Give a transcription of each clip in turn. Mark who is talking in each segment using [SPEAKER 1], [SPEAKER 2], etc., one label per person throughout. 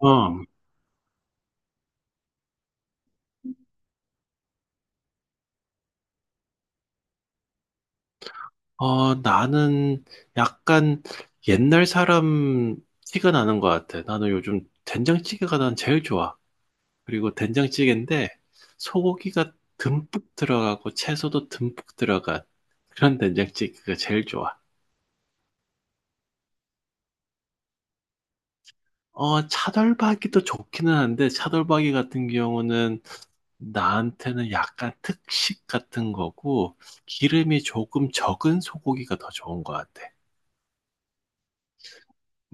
[SPEAKER 1] 어, 나는 약간 옛날 사람 티가 나는 것 같아. 나는 요즘 된장찌개가 난 제일 좋아. 그리고 된장찌개인데 소고기가 듬뿍 들어가고 채소도 듬뿍 들어간 그런 된장찌개가 제일 좋아. 어, 차돌박이도 좋기는 한데 차돌박이 같은 경우는 나한테는 약간 특식 같은 거고 기름이 조금 적은 소고기가 더 좋은 것 같아.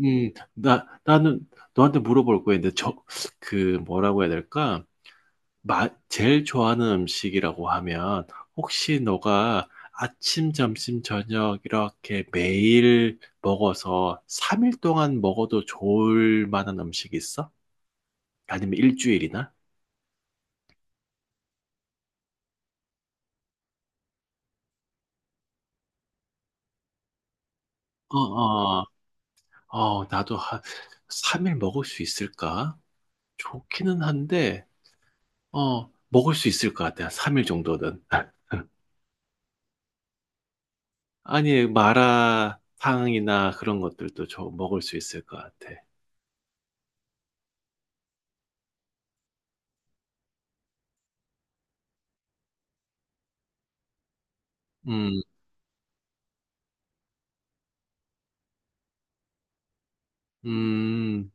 [SPEAKER 1] 나는 너한테 물어볼 거야. 근데 저, 그, 뭐라고 해야 될까? 마, 제일 좋아하는 음식이라고 하면, 혹시 너가 아침, 점심, 저녁 이렇게 매일 먹어서 3일 동안 먹어도 좋을 만한 음식이 있어? 아니면 일주일이나? 어, 어, 나도 한 3일 먹을 수 있을까? 좋기는 한데, 어, 먹을 수 있을 것 같아. 3일 정도는. 아니, 마라탕이나 그런 것들도 저 먹을 수 있을 것 같아. 음, 음,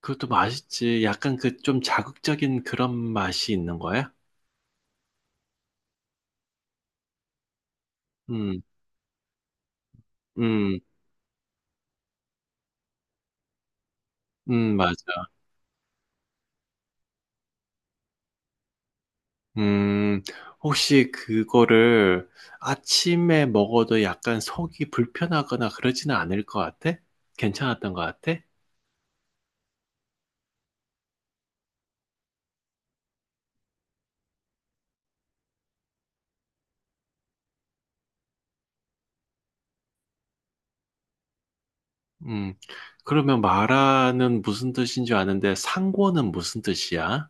[SPEAKER 1] 그것도 맛있지. 약간 그 좀 자극적인 그런 맛이 있는 거야? 음, 음, 맞아. 음, 혹시 그거를 아침에 먹어도 약간 속이 불편하거나 그러지는 않을 것 같아? 괜찮았던 것 같아? 음, 그러면 마라는 무슨 뜻인 줄 아는데 상고는 무슨 뜻이야?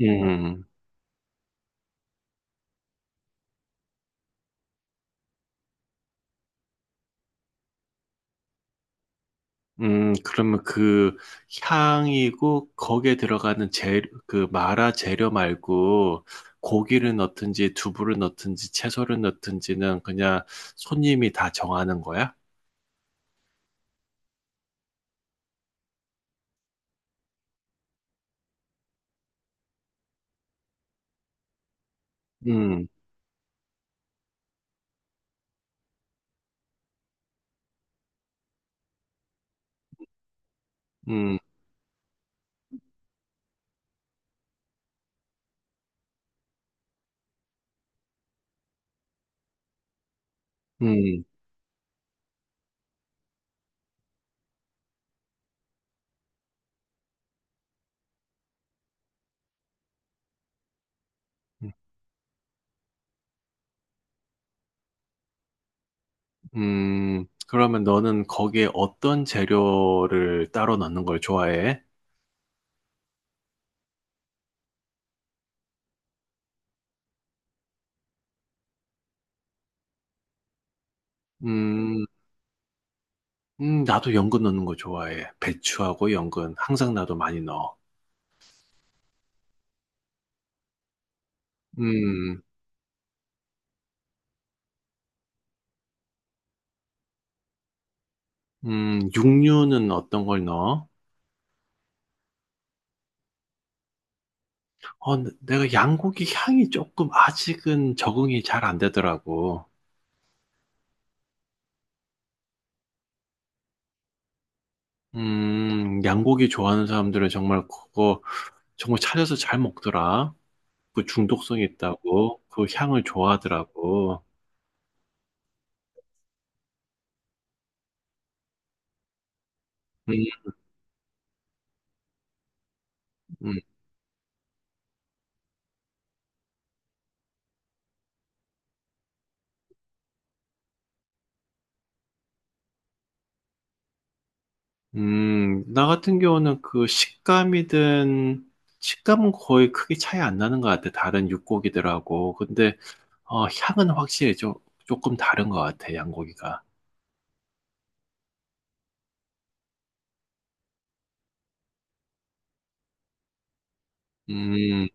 [SPEAKER 1] 음. 그러면 그 향이고 거기에 들어가는 재, 그 마라 재료 말고 고기를 넣든지 두부를 넣든지 채소를 넣든지는 그냥 손님이 다 정하는 거야? 음, 음, 음, 그러면 너는 거기에 어떤 재료를 따로 넣는 걸 좋아해? 음, 나도 연근 넣는 거 좋아해. 배추하고 연근. 항상 나도 많이 넣어. 음, 육류는 어떤 걸 넣어? 어, 네, 내가 양고기 향이 조금 아직은 적응이 잘 안 되더라고. 양고기 좋아하는 사람들은 정말 그거 정말 찾아서 잘 먹더라. 그 중독성이 있다고 그 향을 좋아하더라고. 음, 음, 나 같은 경우는 그 식감이든 식감은 거의 크게 차이 안 나는 것 같아. 다른 육고기들하고. 근데 어, 향은 확실히 좀 조금 다른 것 같아. 양고기가. 음,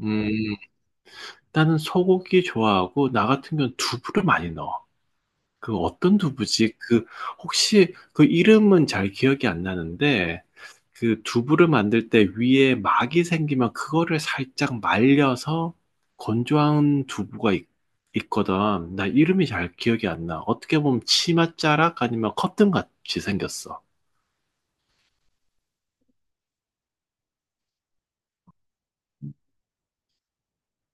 [SPEAKER 1] 음. 나는 소고기 좋아하고 나 같은 경우는 두부를 많이 넣어. 그 어떤 두부지? 그 혹시 그 이름은 잘 기억이 안 나는데 그 두부를 만들 때 위에 막이 생기면 그거를 살짝 말려서 건조한 두부가 있, 거든나 이름이 잘 기억이 안 나. 어떻게 보면 치맛자락 아니면 커튼 같이 생겼어.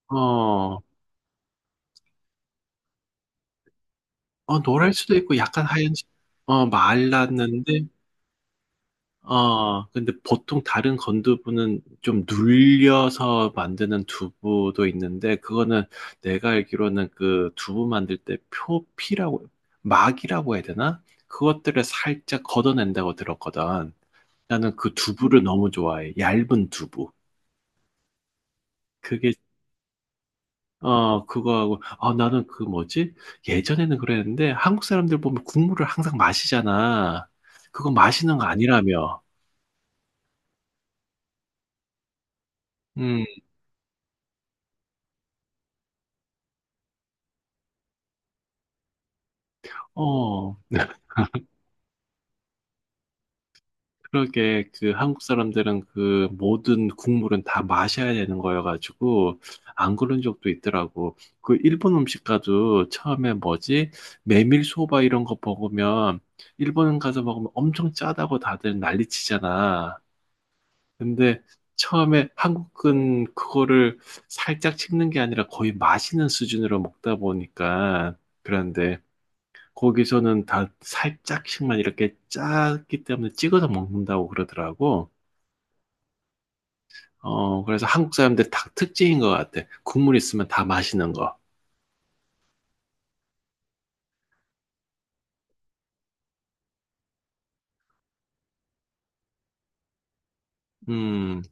[SPEAKER 1] 어, 어, 노랄 수도 있고 약간 하얀, 어, 말랐는데 어, 근데 보통 다른 건두부는 좀 눌려서 만드는 두부도 있는데, 그거는 내가 알기로는 그 두부 만들 때 표피라고, 막이라고 해야 되나? 그것들을 살짝 걷어낸다고 들었거든. 나는 그 두부를 너무 좋아해. 얇은 두부. 그게, 어, 그거하고, 아, 나는 그 뭐지? 예전에는 그랬는데, 한국 사람들 보면 국물을 항상 마시잖아. 그거 마시는 거 아니라며. 음, 어. 그러게 그 한국 사람들은 그 모든 국물은 다 마셔야 되는 거여가지고 안 그런 적도 있더라고. 그 일본 음식 가도 처음에 뭐지? 메밀소바 이런 거 먹으면 일본 가서 먹으면 엄청 짜다고 다들 난리치잖아. 근데 처음에 한국은 그거를 살짝 씹는 게 아니라 거의 마시는 수준으로 먹다 보니까 그런데 거기서는 다 살짝씩만 이렇게 짰기 때문에 찍어서 먹는다고 그러더라고. 어, 그래서 한국 사람들 닭 특징인 것 같아. 국물 있으면 다 마시는 거. 음.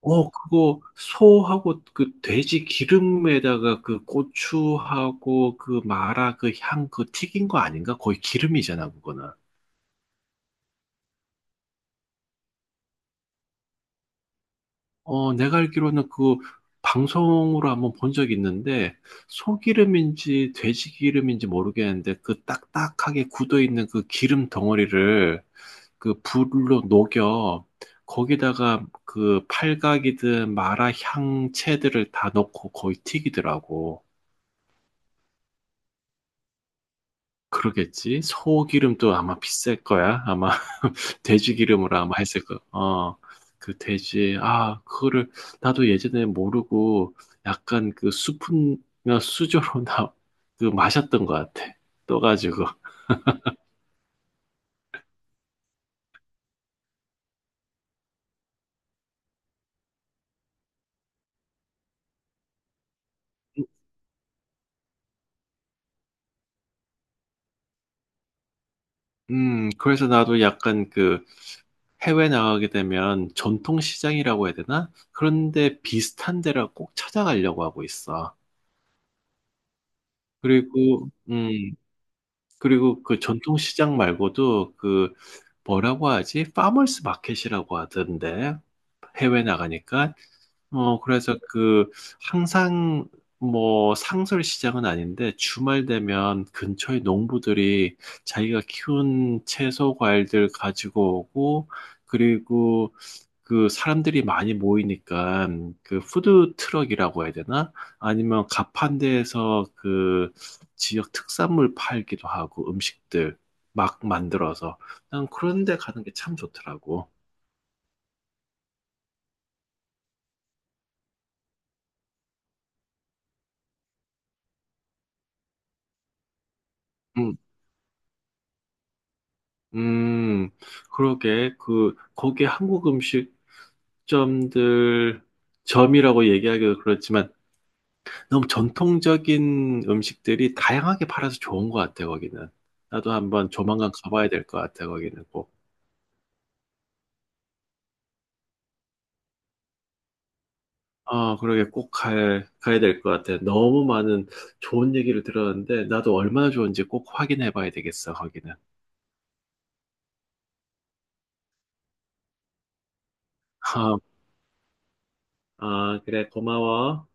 [SPEAKER 1] 어, 그거 소하고 그 돼지 기름에다가 그 고추하고 그 마라 그 향 그 튀긴 거 아닌가? 거의 기름이잖아, 그거는. 어, 내가 알기로는 그 방송으로 한번 본 적이 있는데 소기름인지 돼지 기름인지 모르겠는데 그 딱딱하게 굳어 있는 그 기름 덩어리를 그 불로 녹여 거기다가 그 팔각이든 마라 향채들을 다 넣고 거의 튀기더라고. 그러겠지? 소기름도 아마 비쌀 거야. 아마 돼지 기름으로 아마 했을 거. 어, 그 돼지. 아, 그거를 나도 예전에 모르고 약간 그 수프나 수저로 나 그 마셨던 것 같아. 떠가지고. 그래서 나도 약간 그 해외 나가게 되면 전통 시장이라고 해야 되나? 그런데 비슷한 데를 꼭 찾아가려고 하고 있어. 그리고, 그리고 그 전통 시장 말고도 그 뭐라고 하지? 파머스 마켓이라고 하던데. 해외 나가니까. 어, 그래서 그 항상 뭐 상설 시장은 아닌데 주말 되면 근처의 농부들이 자기가 키운 채소 과일들 가지고 오고 그리고 그 사람들이 많이 모이니까 그 푸드 트럭이라고 해야 되나? 아니면 가판대에서 그 지역 특산물 팔기도 하고 음식들 막 만들어서 난 그런 데 가는 게 참 좋더라고. 음, 음, 그러게 그 거기 한국 음식점들 점이라고 얘기하기도 그렇지만 너무 전통적인 음식들이 다양하게 팔아서 좋은 것 같아 거기는. 나도 한번 조만간 가봐야 될 것 같아 거기는 꼭. 아, 그러게 가야 될 것 같아. 너무 많은 좋은 얘기를 들었는데, 나도 얼마나 좋은지 꼭 확인해 봐야 되겠어, 거기는. 아, 그래, 고마워.